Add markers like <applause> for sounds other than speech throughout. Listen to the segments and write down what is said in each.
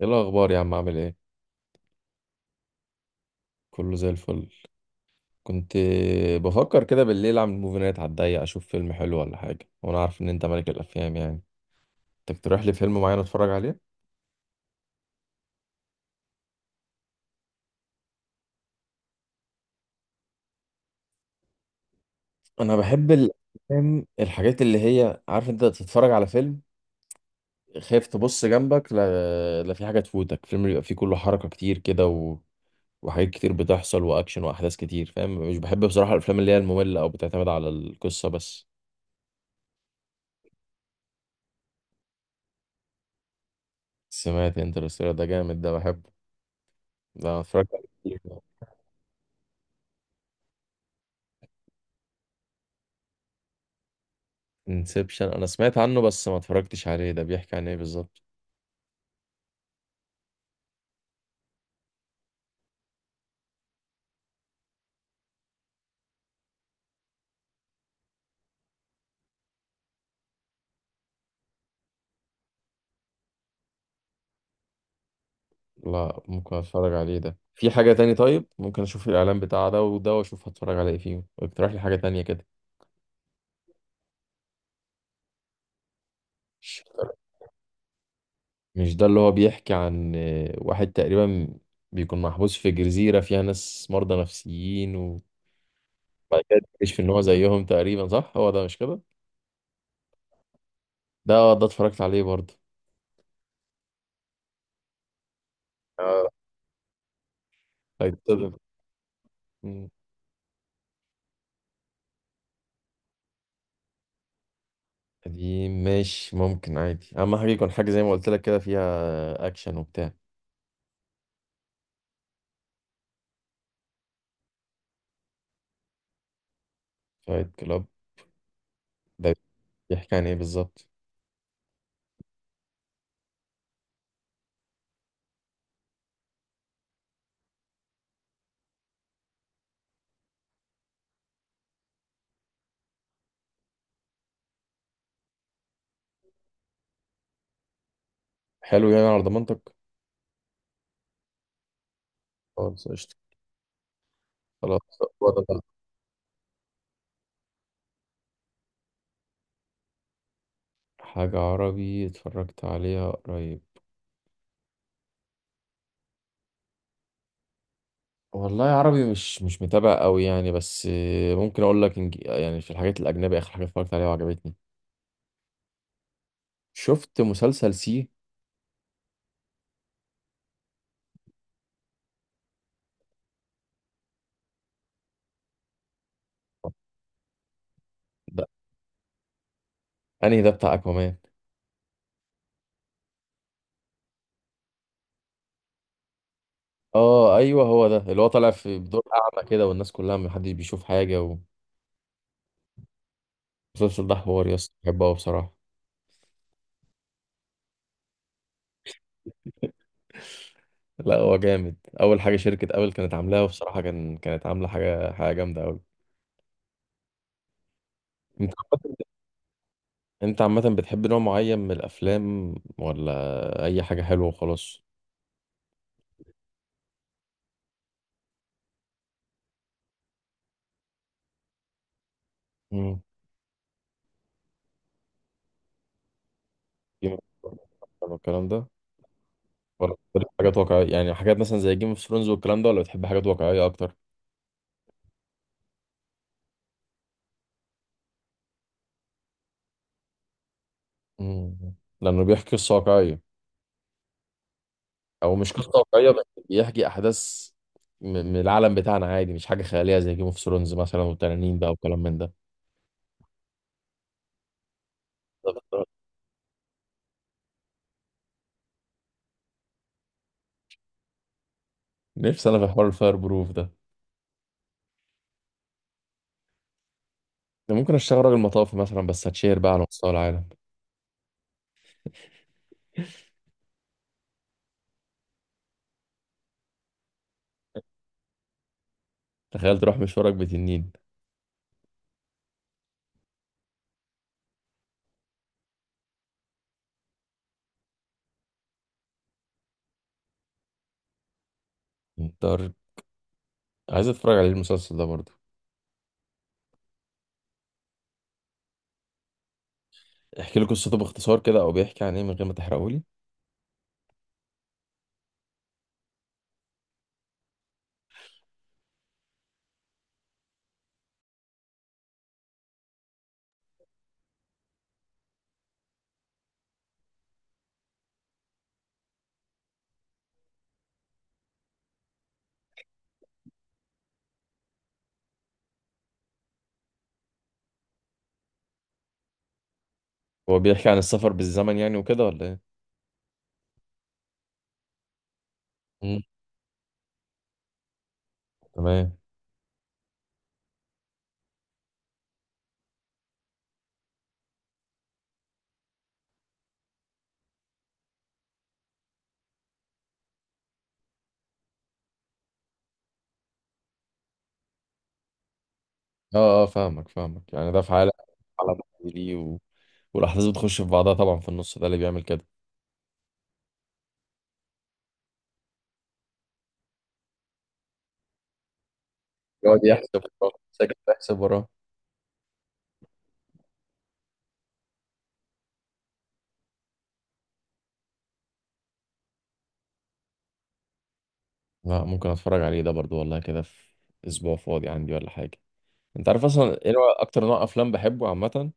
ايه الاخبار يا عم؟ عامل ايه؟ كله زي الفل. كنت بفكر كده بالليل اعمل موفي نايت على الضيق، اشوف فيلم حلو ولا حاجه، وانا عارف ان انت ملك الافلام يعني. تقترح لي فيلم معين اتفرج عليه؟ انا بحب الافلام الحاجات اللي هي عارف انت تتفرج على فيلم خايف تبص جنبك، لا، في حاجه تفوتك، فيلم بيبقى فيه كله حركه كتير كده وحاجات كتير بتحصل واكشن واحداث كتير، فاهم؟ مش بحب بصراحه الافلام اللي هي الممله او بتعتمد على القصه بس. سمعت انترستيلر؟ ده جامد، ده بحبه، ده أنا اتفرجت عليه كتير. انسبشن انا سمعت عنه بس ما اتفرجتش عليه، ده بيحكي عن ايه بالظبط؟ لا ممكن اتفرج عليه، ده في حاجة تاني؟ طيب ممكن اشوف الاعلان بتاع ده وده واشوف هتفرج على ايه فيهم، اقترح لي حاجة تانية كده. مش مش ده اللي هو بيحكي عن واحد تقريبا بيكون محبوس في جزيرة فيها ناس مرضى نفسيين، وبعد كده بيكتشف ان هو زيهم تقريبا، صح؟ هو ده مش كده؟ ده ده اتفرجت عليه برضه. اه. هيتصدم. مم. قديم ماشي، ممكن عادي، اهم حاجة يكون حاجة زي ما قلت لك كده فيها اكشن وبتاع. فايت كلاب؟ ده بيحكي عن ايه بالظبط؟ حلو، يعني على ضمانتك؟ خلاص قشطة. خلاص. ولا ده؟ حاجة عربي اتفرجت عليها قريب؟ والله عربي مش متابع قوي يعني، بس ممكن اقول لك يعني في الحاجات الاجنبي اخر حاجة اتفرجت عليها وعجبتني، شفت مسلسل سي. ده انهي ده بتاع اكوامان؟ اه ايوه، هو ده اللي هو طالع في بدور اعمى كده والناس كلها محدش بيشوف حاجة. والمسلسل ده حوار يا اسطى، بحبه أوي بصراحة. لا هو جامد، اول حاجه شركه ابل كانت عاملاها، وبصراحه كانت عامله حاجه جامده قوي. انت انت عامه بتحب نوع معين من الافلام ولا اي حاجه حلوه وخلاص؟ مم. جيم اوف الكلام ده ولا بتحب حاجات واقعيه؟ يعني حاجات مثلا زي جيم اوف ثرونز والكلام ده، ولا بتحب حاجات واقعيه اكتر؟ مم. لانه بيحكي قصه واقعيه، او مش قصه واقعيه بس، بيحكي احداث من العالم بتاعنا عادي، مش حاجه خياليه زي جيم اوف ثرونز مثلا والتنانين بقى وكلام من ده. بالظبط. نفسي انا في حوار الفاير بروف ده، ده ممكن اشتغل راجل مطافي مثلا، بس هتشهر بقى على مستوى العالم. تخيل تروح مشوارك بتنين. انت عايز اتفرج عليه المسلسل ده برضه؟ احكي لي قصته باختصار كده، او بيحكي عن ايه من غير ما تحرقولي. هو بيحكي عن السفر بالزمن يعني وكده ولا ايه؟ مم. تمام. اه اه، فاهمك، يعني ده في عالم، عالم ليه والاحداث بتخش في بعضها طبعا، في النص ده اللي بيعمل كده. يقعد يحسب وراه ساكت، يحسب وراه. لا ممكن اتفرج عليه ده برضه، والله كده في اسبوع فاضي عندي ولا حاجه. انت عارف اصلا ايه اكتر نوع افلام بحبه عامه؟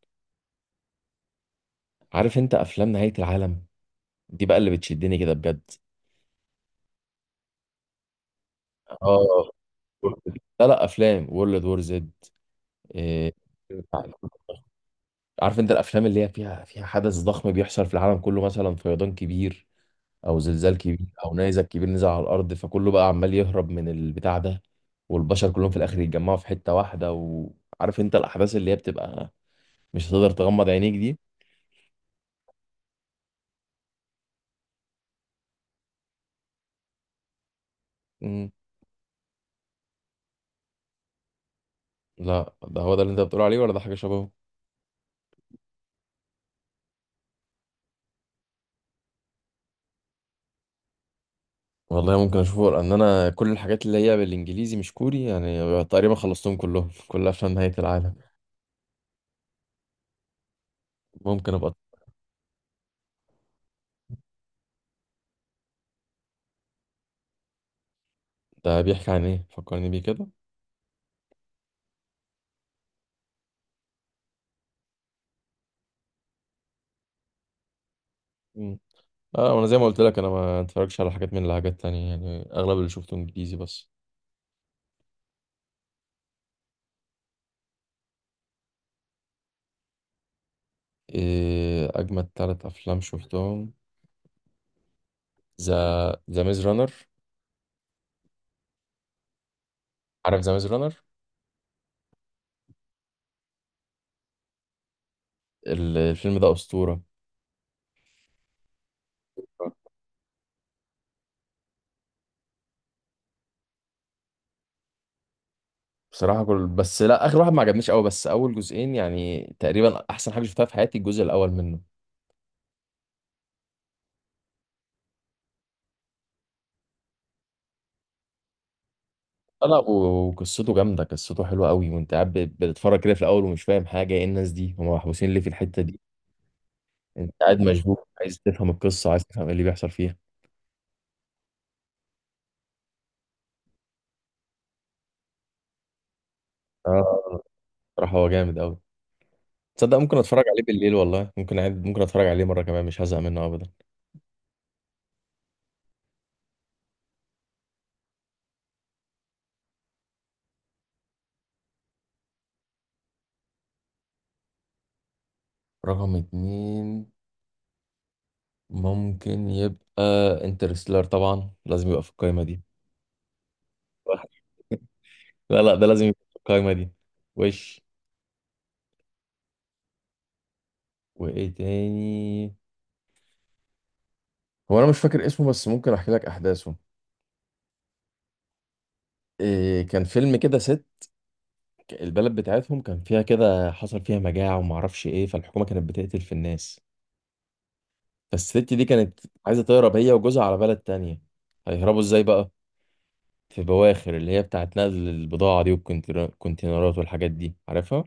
عارف انت افلام نهاية العالم؟ دي بقى اللي بتشدني كده بجد. اه. لا، افلام وورلد وور زد. إيه. عارف انت الافلام اللي هي فيها حدث ضخم بيحصل في العالم كله، مثلا فيضان كبير او زلزال كبير او نيزك كبير نزل على الارض، فكله بقى عمال يهرب من البتاع ده، والبشر كلهم في الاخر يتجمعوا في حتة واحدة، وعارف انت الاحداث اللي هي بتبقى مش هتقدر تغمض عينيك دي. مم. لا ده هو ده اللي انت بتقول عليه، ولا ده حاجة شبهه؟ والله ممكن اشوفه، لان انا كل الحاجات اللي هي بالانجليزي مش كوري يعني تقريبا خلصتهم كلهم كلها عشان نهاية العالم. ممكن ابقى. ده بيحكي عن ايه؟ فكرني بيه كده. مم. اه، وانا زي ما قلت لك انا ما اتفرجش على حاجات من الحاجات تانية يعني، اغلب اللي شفته انجليزي بس. إيه اجمد ثلاث افلام شفتهم؟ ذا، ذا ميز رانر. عارف ذا ميز رانر؟ الفيلم ده اسطورة. بصراحة كل بس لا، آخر واحد ما عجبنيش قوي، بس أول جزئين يعني تقريبا أحسن حاجة شفتها في حياتي، الجزء الأول منه. لا، وقصته جامده، قصته حلوه قوي، وانت قاعد بتتفرج كده في الاول ومش فاهم حاجه، ايه الناس دي هم محبوسين ليه في الحته دي. انت قاعد مشدود عايز تفهم القصه، عايز تفهم ايه اللي بيحصل فيها. اه. صراحه هو جامد قوي، تصدق ممكن اتفرج عليه بالليل والله، ممكن عاد ممكن اتفرج عليه مره كمان مش هزهق منه ابدا. رقم اتنين ممكن يبقى انترستيلر، طبعا لازم يبقى في القايمه دي. <laughs> لا ده لازم يبقى في القايمه دي. وش وايه تاني؟ هو انا مش فاكر اسمه بس ممكن احكي لك احداثه. إيه كان فيلم كده ست، البلد بتاعتهم كان فيها كده حصل فيها مجاعة وما اعرفش ايه، فالحكومة كانت بتقتل في الناس، فالست دي كانت عايزة تهرب هي وجوزها على بلد تانية. هيهربوا ازاي بقى؟ في بواخر اللي هي بتاعت نقل البضاعة دي والكونتينرات والحاجات دي عارفها.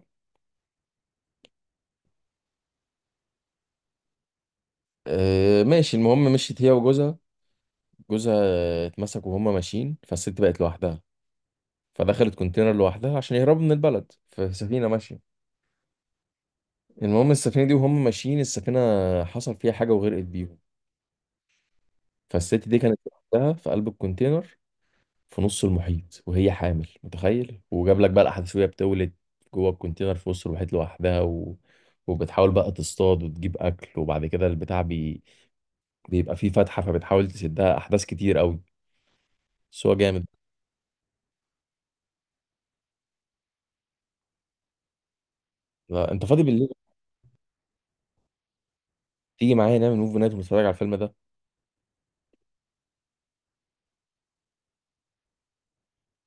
إيه ماشي، المهم مشيت هي وجوزها، جوزها اتمسك وهما ماشيين، فالست بقت لوحدها، فدخلت كونتينر لوحدها عشان يهربوا من البلد في سفينة ماشية. المهم السفينة دي وهم ماشيين السفينة حصل فيها حاجة وغرقت بيهم، فالست دي كانت لوحدها في قلب الكونتينر في نص المحيط وهي حامل، متخيل؟ وجاب لك بقى الاحداث وهي بتولد جوه الكونتينر في وسط المحيط لوحدها، وبتحاول بقى تصطاد وتجيب اكل، وبعد كده البتاع بيبقى فيه فتحه فبتحاول تسدها، احداث كتير قوي، بس هو جامد. لا، انت فاضي بالليل؟ تيجي معايا نعمل موفي نايت ونتفرج على الفيلم ده.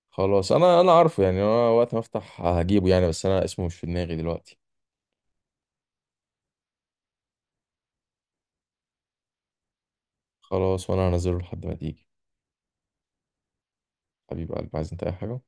خلاص انا عارفه يعني، انا وقت ما افتح هجيبه يعني، بس انا اسمه مش في دماغي دلوقتي. خلاص وانا هنزله لحد ما تيجي. حبيب قلبي، عايز انت اي حاجه؟